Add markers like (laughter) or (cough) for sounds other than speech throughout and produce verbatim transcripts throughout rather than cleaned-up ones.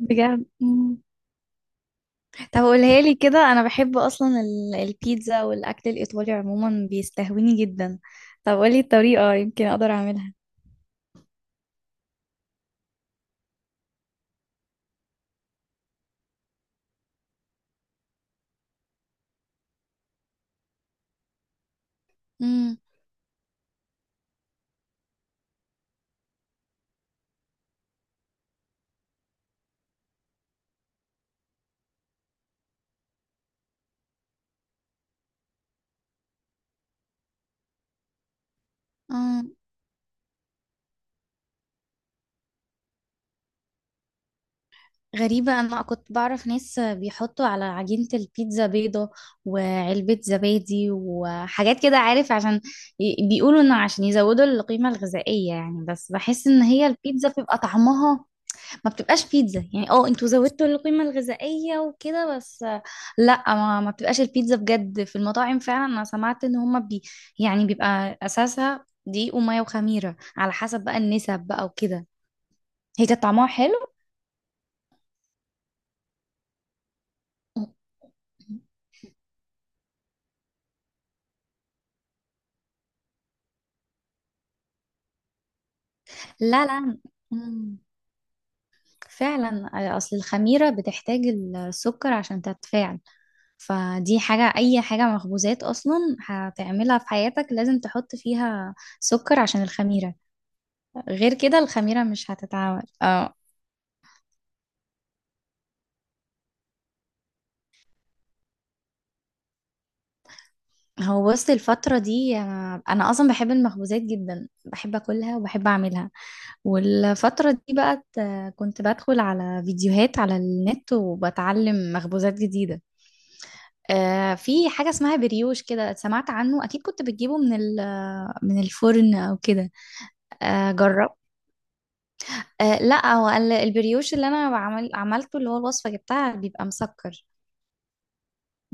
بجد. مم. طب قولها لي كده، انا بحب اصلا ال- البيتزا، والاكل الايطالي عموما بيستهويني جدا. طب قولي الطريقه يمكن اقدر اعملها. امم امم غريبة، أنا كنت بعرف ناس بيحطوا على عجينة البيتزا بيضة وعلبة زبادي وحاجات كده، عارف، عشان ي- بيقولوا إنه عشان يزودوا القيمة الغذائية يعني، بس بحس إن هي البيتزا بيبقى طعمها ما بتبقاش بيتزا يعني. اه انتوا زودتوا القيمة الغذائية وكده، بس آه، لا. ما, ما بتبقاش البيتزا بجد. في المطاعم فعلا انا سمعت ان هما بي يعني بيبقى اساسها دقيق ومية وخميرة، على حسب بقى النسب بقى وكده. هي كانت طعمها حلو. لا لا. مم. فعلا آه، اصل الخميرة بتحتاج السكر عشان تتفاعل. فدي حاجة، أي حاجة مخبوزات أصلا هتعملها في حياتك لازم تحط فيها سكر عشان الخميرة، غير كده الخميرة مش هتتعمل، اه. هو بص، الفترة دي أنا أنا أصلا بحب المخبوزات جدا، بحب أكلها وبحب أعملها. والفترة دي بقى ت- كنت بدخل على فيديوهات على النت وبتعلم مخبوزات جديدة. آه، في حاجة اسمها بريوش كده، سمعت عنه أكيد. كنت بتجيبه من ال- من الفرن أو كده. آه جرب. آه لا، هو ال- البريوش اللي أنا بعمل عملته، اللي هو الوصفة جبتها، بيبقى مسكر.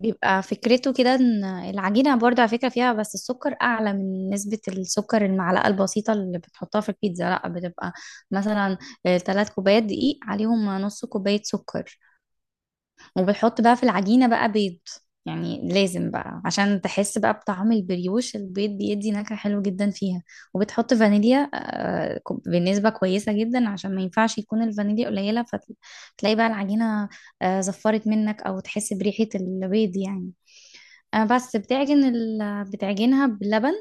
بيبقى فكرته كده، ان العجينة برضه على فكرة فيها بس السكر اعلى من نسبة السكر، المعلقة البسيطة اللي بتحطها في البيتزا لا بتبقى مثلا ثلاث كوبايات دقيق عليهم نص كوباية سكر. وبتحط بقى في العجينة بقى بيض، يعني لازم بقى عشان تحس بقى بطعم البريوش، البيض بيدي نكهة حلوة جدا فيها. وبتحط فانيليا آه، كو- بنسبة كويسة جدا، عشان ما ينفعش يكون الفانيليا قليلة فتلاقي بقى العجينة آه، زفرت منك او تحس بريحة البيض يعني. أنا بس بتعجن ال... بتعجنها بلبن،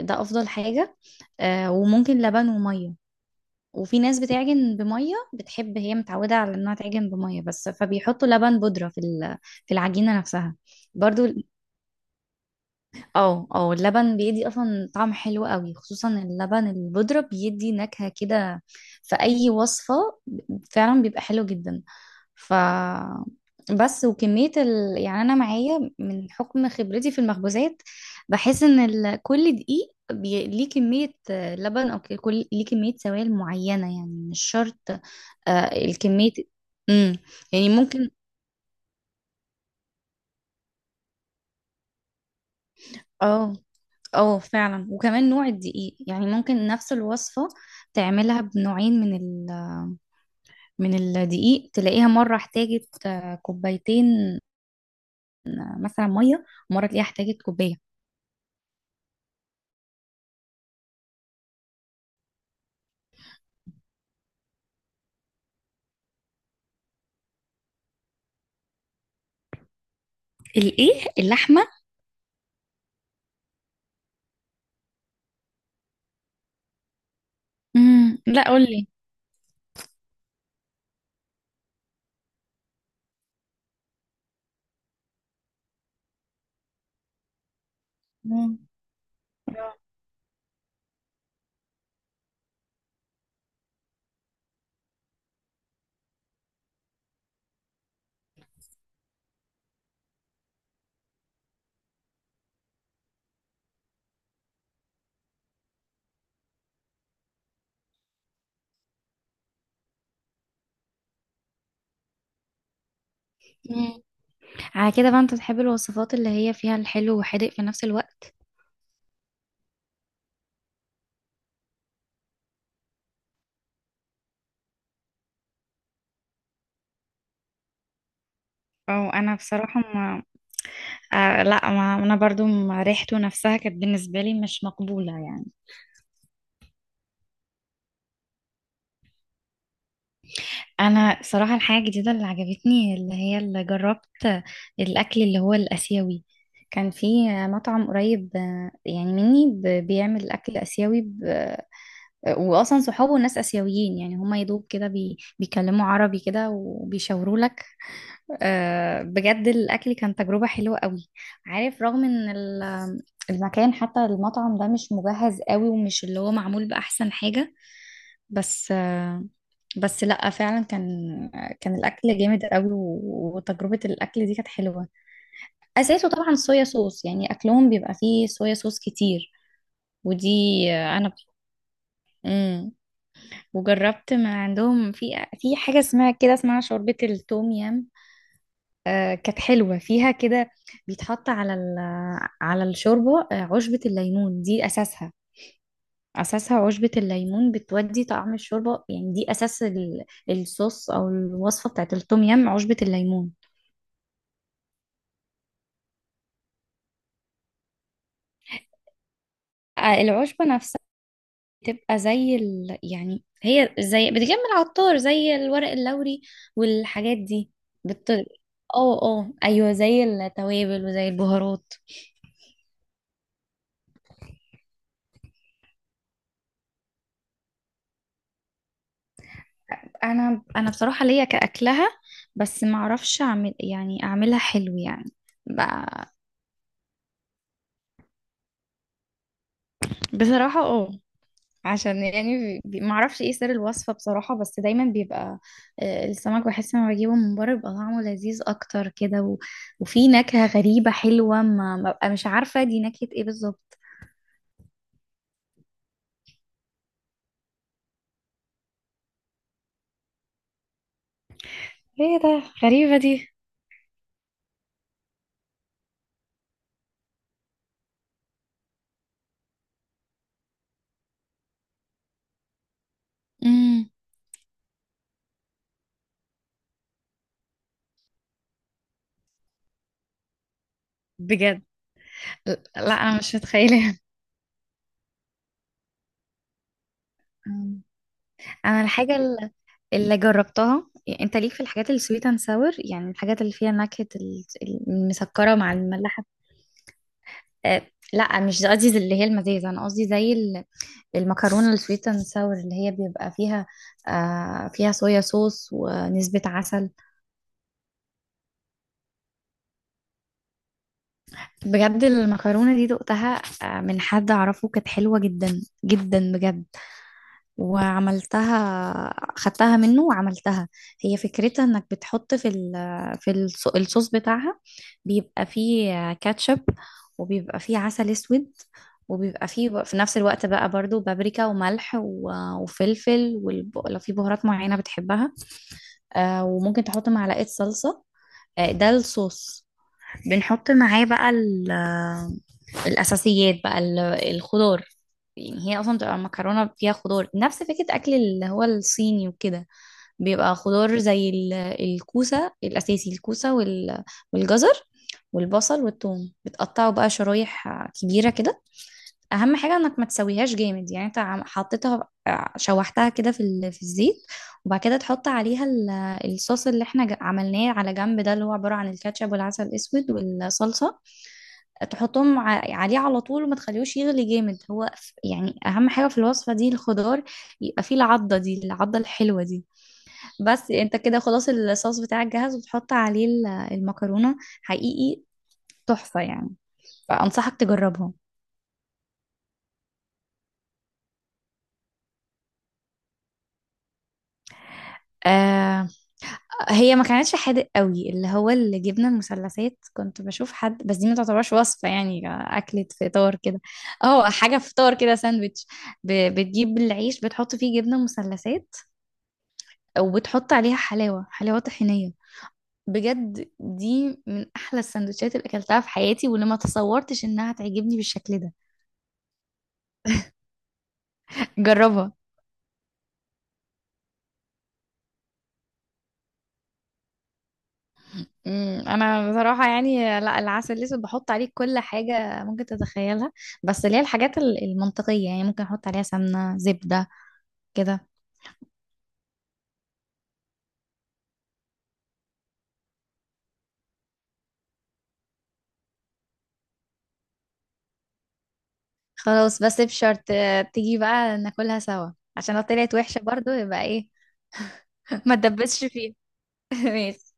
ده أفضل حاجة. آه، وممكن لبن ومية. وفي ناس بتعجن بمية، بتحب هي متعودة على إنها تعجن بمية بس، فبيحطوا لبن بودرة في ال... في العجينة نفسها. برضو ال- اه اه اللبن بيدي أصلا طعم حلو قوي، خصوصا اللبن البودرة بيدي نكهة كده في أي وصفة، فعلا بيبقى حلو جدا. ف بس وكمية ال... يعني أنا معايا من حكم خبرتي في المخبوزات، بحس إن ال... كل دقيق بي... ليه كمية آه، لبن، أو ك- كل ليه كمية سوائل معينة يعني، مش شرط. آه. الكمية. امم يعني ممكن. اه. اه فعلا، وكمان نوع الدقيق يعني ممكن نفس الوصفة تعملها بنوعين من ال... من الدقيق، تلاقيها مرة احتاجت آه، كوبايتين آه، مثلا مية، ومرة تلاقيها احتاجت كوباية. الايه؟ اللحمة؟ امم لا، قولي. مم. مم. على كده بقى انت بتحب الوصفات اللي هي فيها الحلو وحادق في نفس الوقت؟ او انا بصراحه ما. آه لا، ما انا برضو ما ريحته نفسها كانت بالنسبه لي مش مقبوله يعني. انا صراحه الحاجه الجديده اللي عجبتني اللي هي اللي جربت، الاكل اللي هو الاسيوي. كان في مطعم قريب آه، يعني مني، ب- بيعمل اكل اسيوي ب- آه، واصلا صحابه ناس اسيويين يعني، هما يدوب كده بي بيكلموا عربي كده وبيشاوروا. آه، بجد الأكل كان تجربة حلوة قوي. عارف رغم إن ال- المكان، حتى المطعم ده مش مجهز قوي ومش اللي هو معمول بأحسن حاجة، بس آه، بس لأ فعلا كان كان الأكل جامد قوي، و- وتجربة الأكل دي كانت حلوة. أساسه طبعا صويا صوص، يعني أكلهم بيبقى فيه صويا صوص كتير ودي آه، أنا. مم. وجربت من عندهم في في حاجة اسمها كده، اسمها شوربة التوم يام، آه، كانت حلوة فيها كده. بيتحط على ال- على الشوربة آه، عشبة الليمون دي أساسها. أساسها عشبة الليمون بتودي طعم الشوربة، يعني دي أساس ال- الصوص أو الوصفة بتاعت التوم يام، عشبة الليمون. آه، العشبة نفسها بتبقى زي ال... يعني هي زي بتجمع العطار، زي الورق اللوري والحاجات دي بت... اه اه ايوه، زي التوابل وزي البهارات. انا انا بصراحه ليا كاكلها، بس ما اعرفش اعمل يعني اعملها حلو يعني. ب- بصراحه اه، عشان يعني بي- ما اعرفش ايه سر الوصفه بصراحه، بس دايما بيبقى آه، السمك بحس لما بجيبه من بره بيبقى طعمه لذيذ اكتر كده، و... وفي نكهه غريبه حلوه ما ما ببقى مش عارفه دي نكهه ايه بالظبط. ايه ده، غريبه دي. امم بجد. لا انا مش متخيله. انا الحاجه ال- اللي جربتها يعني، انت ليك في الحاجات السويت اند ساور، يعني الحاجات اللي فيها نكهه ال- المسكره مع المملحه. أه، لا مش قصدي زي اللي هي المزازه، انا قصدي زي ال- المكرونه السويت اند ساور اللي هي بيبقى فيها، آه فيها صويا صوص ونسبه عسل. بجد المكرونه دي دقتها، آه، من حد اعرفه كانت حلوه جدا جدا بجد، وعملتها خدتها منه وعملتها. هي فكرتها انك بتحط في ال في الص- الصوص بتاعها، بيبقى فيه كاتشب، وبيبقى فيه عسل اسود، وبيبقى فيه في نفس الوقت بقى برضو بابريكا وملح و- وفلفل، ولو في بهارات معينة بتحبها. آه، وممكن تحط معلقة صلصة. آه، ده الصوص. بنحط معاه بقى ال- الأساسيات بقى ال- الخضار. يعني هي اصلا بتبقى مكرونه فيها خضار، نفس فكره اكل اللي هو الصيني وكده. بيبقى خضار زي ال- الكوسه الاساسي، الكوسه وال- والجزر والبصل والثوم بتقطعه بقى شرايح آه، كبيره كده. اهم حاجه انك ما تسويهاش جامد. يعني انت عم- حطيتها آه، شوحتها كده في ال- في الزيت، وبعد كده تحط عليها ال- الصوص اللي احنا ج- عملناه على جنب ده، اللي هو عباره عن الكاتشب والعسل الاسود والصلصه، تحطهم ع- عليه على طول وما تخليهوش يغلي جامد، هو ف- يعني اهم حاجة في الوصفة دي الخضار، يبقى فيه العضة دي، العضة الحلوة دي. بس انت كده خلاص الصوص بتاعك جاهز، وتحط عليه ال- المكرونة. حقيقي تحفة يعني. فأنصحك تجربها. آه، هي ما كانتش حادق قوي، اللي هو الجبنة المثلثات كنت بشوف حد، بس دي ما تعتبرش وصفة، يعني أكلة فطار كده. اه، حاجة فطار كده، ساندويتش. ب- بتجيب العيش بتحط فيه جبنة مثلثات، وبتحط عليها حلاوة حلاوة طحينية. بجد دي من أحلى السندوتشات اللي أكلتها في حياتي، واللي ما تصورتش إنها تعجبني بالشكل ده. جربها. مم، انا بصراحه يعني لا، العسل الاسود بحط عليه كل حاجه ممكن تتخيلها، بس اللي هي الحاجات ال- المنطقيه، يعني ممكن احط عليها سمنه، زبده كده. خلاص، بس بشرط آه، تيجي بقى ناكلها سوا، عشان لو طلعت وحشه برضو يبقى ايه. (laughs) ما تدبسش فيها. (laughs) ماشي.